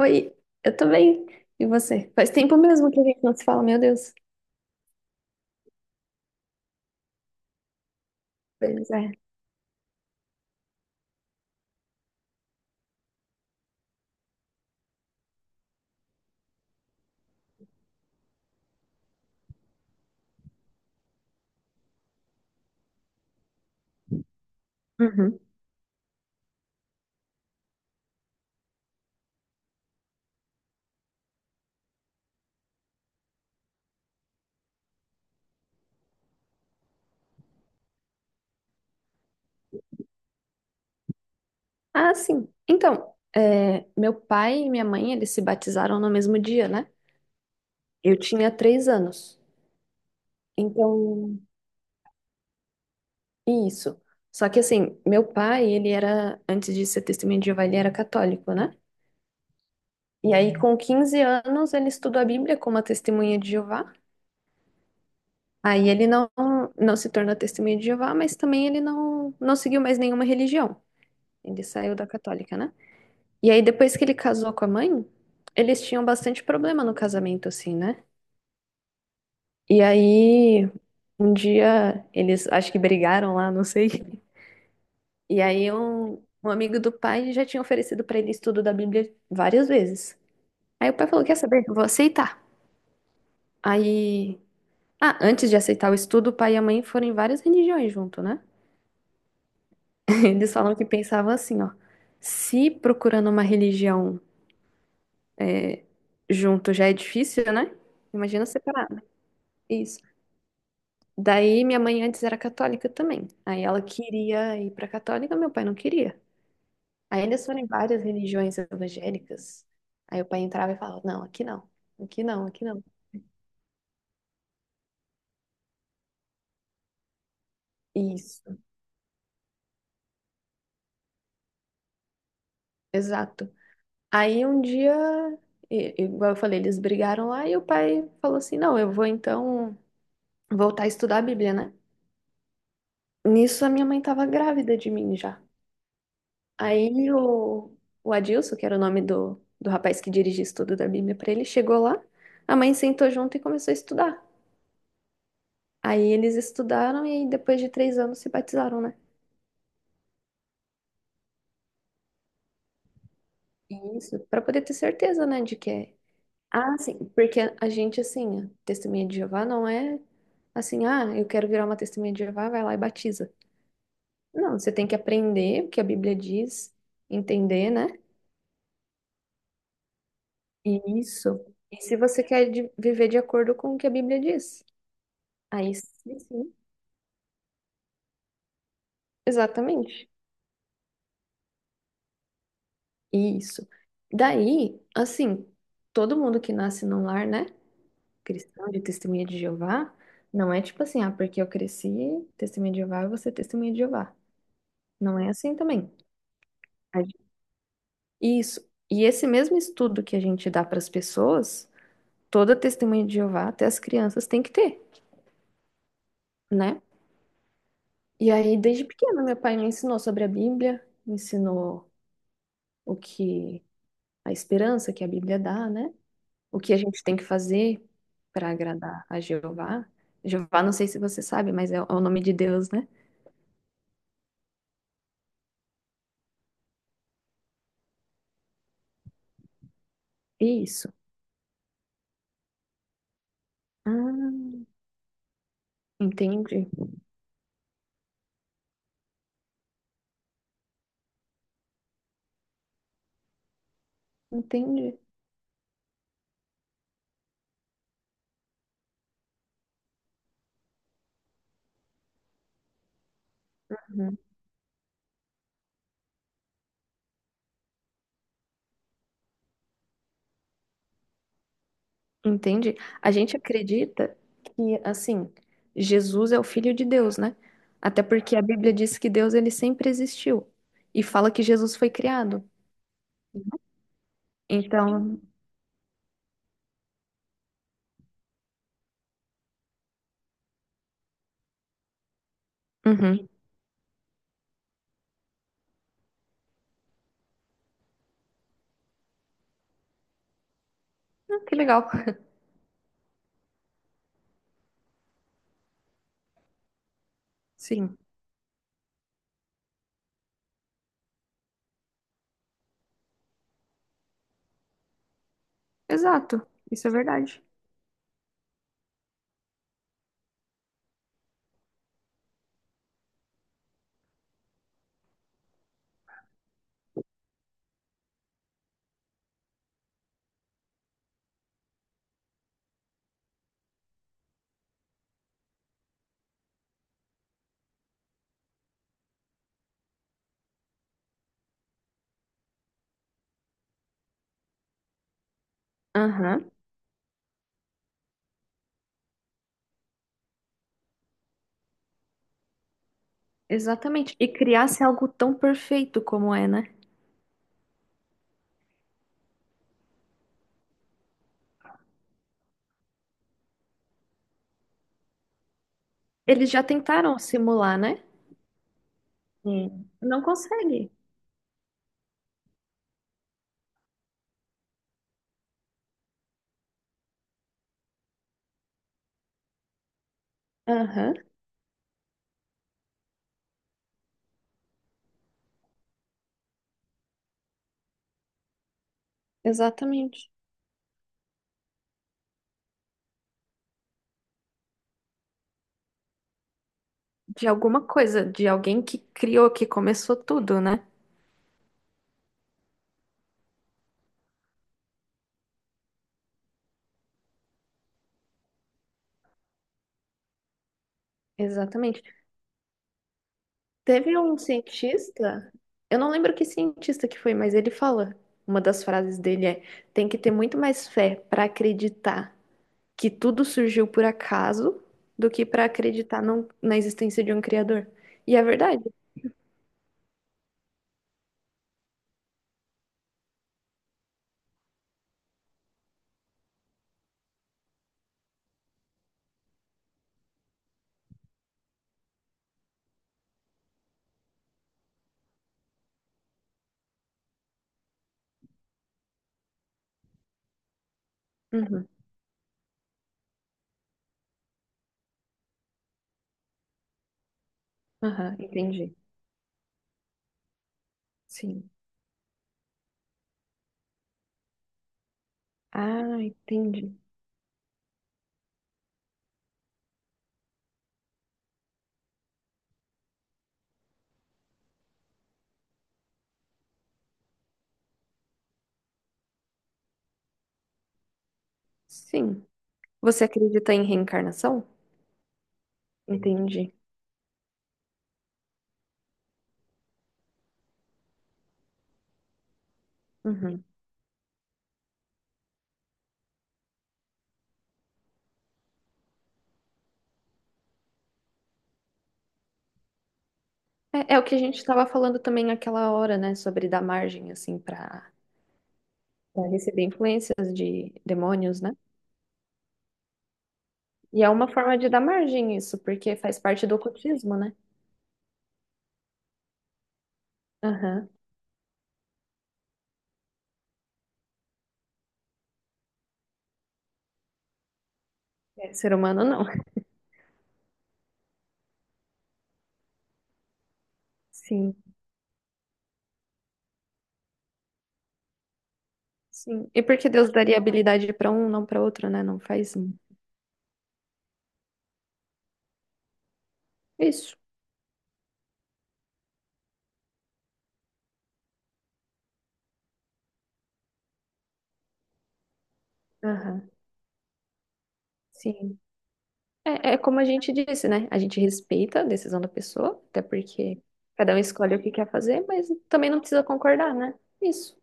Oi, eu tô bem. E você? Faz tempo mesmo que a gente não se fala, meu Deus. Pois é. Uhum. Ah, sim. Então, meu pai e minha mãe, eles se batizaram no mesmo dia, né? Eu tinha 3 anos. Então, isso. Só que assim, meu pai, ele era, antes de ser testemunha de Jeová, ele era católico, né? E aí, com 15 anos, ele estudou a Bíblia como a testemunha de Jeová. Aí ele não se tornou testemunha de Jeová, mas também ele não seguiu mais nenhuma religião. Ele saiu da católica, né? E aí, depois que ele casou com a mãe, eles tinham bastante problema no casamento, assim, né? E aí, um dia, eles acho que brigaram lá, não sei. E aí, um amigo do pai já tinha oferecido pra ele estudo da Bíblia várias vezes. Aí o pai falou: "Quer saber? Eu vou aceitar". Aí. Ah, antes de aceitar o estudo, o pai e a mãe foram em várias religiões junto, né? Eles falam que pensavam assim, ó. Se procurando uma religião junto já é difícil, né? Imagina separado. Isso. Daí minha mãe antes era católica também. Aí ela queria ir para católica, meu pai não queria. Aí eles foram em várias religiões evangélicas. Aí o pai entrava e falava: "Não, aqui não. Aqui não, aqui não". Isso, exato. Aí um dia, igual eu falei, eles brigaram lá e o pai falou assim: "Não, eu vou então voltar a estudar a Bíblia, né?". Nisso a minha mãe estava grávida de mim já. Aí o Adilson, que era o nome do rapaz que dirigia o estudo da Bíblia para ele, chegou lá, a mãe sentou junto e começou a estudar. Aí eles estudaram e depois de 3 anos se batizaram, né? Isso, para poder ter certeza, né, de que é. Ah, sim, porque a gente, assim, a testemunha de Jeová não é assim: "Ah, eu quero virar uma testemunha de Jeová", vai lá e batiza. Não, você tem que aprender o que a Bíblia diz, entender, né? E isso. E se você quer viver de acordo com o que a Bíblia diz, aí sim, sim, exatamente. Isso. Daí, assim, todo mundo que nasce num lar, né, cristão, de testemunha de Jeová, não é tipo assim: "Ah, porque eu cresci testemunha de Jeová, eu vou ser testemunha de Jeová". Não é assim também. A gen- Isso. E esse mesmo estudo que a gente dá para as pessoas, toda testemunha de Jeová, até as crianças, tem que ter, né? E aí, desde pequena, meu pai me ensinou sobre a Bíblia, me ensinou o que a esperança que a Bíblia dá, né? O que a gente tem que fazer para agradar a Jeová? Jeová, não sei se você sabe, mas é o nome de Deus, né? Isso. Ah, entendi. Entendi. Uhum. Entendi. A gente acredita que, assim, Jesus é o Filho de Deus, né? Até porque a Bíblia diz que Deus ele sempre existiu e fala que Jesus foi criado. Então, uhum. Ah, que legal. Sim, exato. Isso é verdade. Aham, exatamente. E criar-se algo tão perfeito como é, né? Eles já tentaram simular, né? Sim. Não consegue. Aham, exatamente. De alguma coisa, de alguém que criou, que começou tudo, né? Exatamente. Teve um cientista, eu não lembro que cientista que foi, mas ele fala, uma das frases dele é: tem que ter muito mais fé para acreditar que tudo surgiu por acaso do que para acreditar na existência de um criador. E é verdade. Uhum, aham, entendi. Sim. Ah, entendi. Sim. Você acredita em reencarnação? Entendi. Uhum. É, é o que a gente estava falando também naquela hora, né? Sobre dar margem, assim, para receber influências de demônios, né? E é uma forma de dar margem isso, porque faz parte do ocultismo, né? Aham. É, ser humano não. Sim, sim. E por que Deus daria habilidade para um, não para outro, né? Não faz um. Isso. Aham. Sim. É, é como a gente disse, né? A gente respeita a decisão da pessoa, até porque cada um escolhe o que quer fazer, mas também não precisa concordar, né? Isso.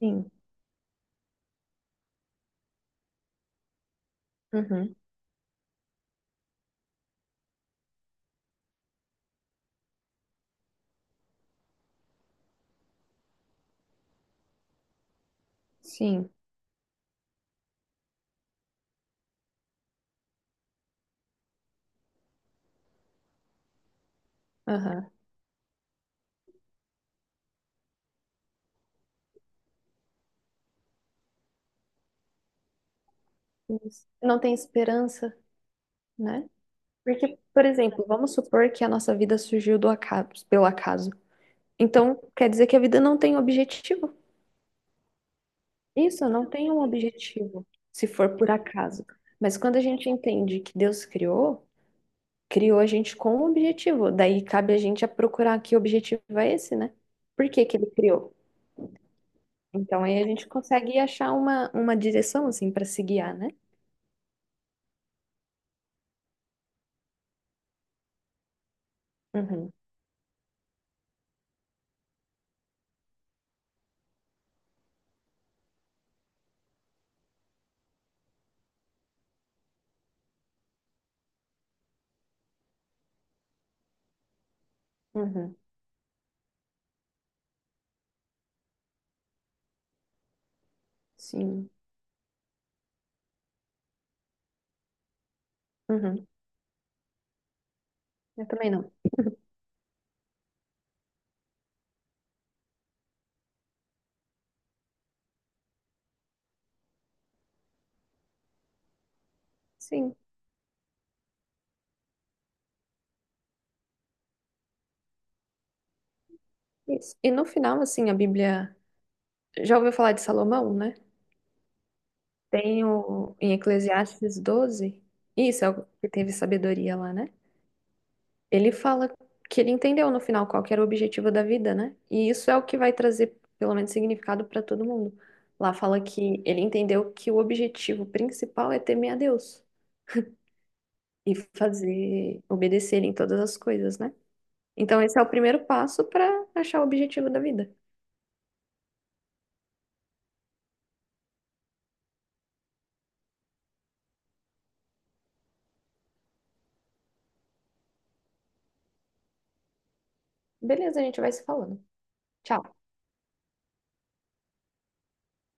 Sim. Uhum. Sim. Aham. Isso. Não tem esperança, né? Porque, por exemplo, vamos supor que a nossa vida surgiu do acaso, pelo acaso. Então, quer dizer que a vida não tem objetivo. Isso, não tem um objetivo, se for por acaso. Mas quando a gente entende que Deus criou, criou a gente com um objetivo. Daí cabe a gente a procurar que objetivo é esse, né? Por que que ele criou? Então aí a gente consegue achar uma direção assim para se guiar, né? Uhum, uhum, sim. Uhum. Eu também não. Sim. Isso. E no final, assim, a Bíblia, já ouviu falar de Salomão, né? Tem o em Eclesiastes 12. Isso é o que teve sabedoria lá, né? Ele fala que ele entendeu no final qual que era o objetivo da vida, né? E isso é o que vai trazer, pelo menos, significado para todo mundo. Lá fala que ele entendeu que o objetivo principal é temer a Deus e fazer obedecer ele em todas as coisas, né? Então, esse é o primeiro passo para achar o objetivo da vida. Beleza, a gente vai se falando. Tchau.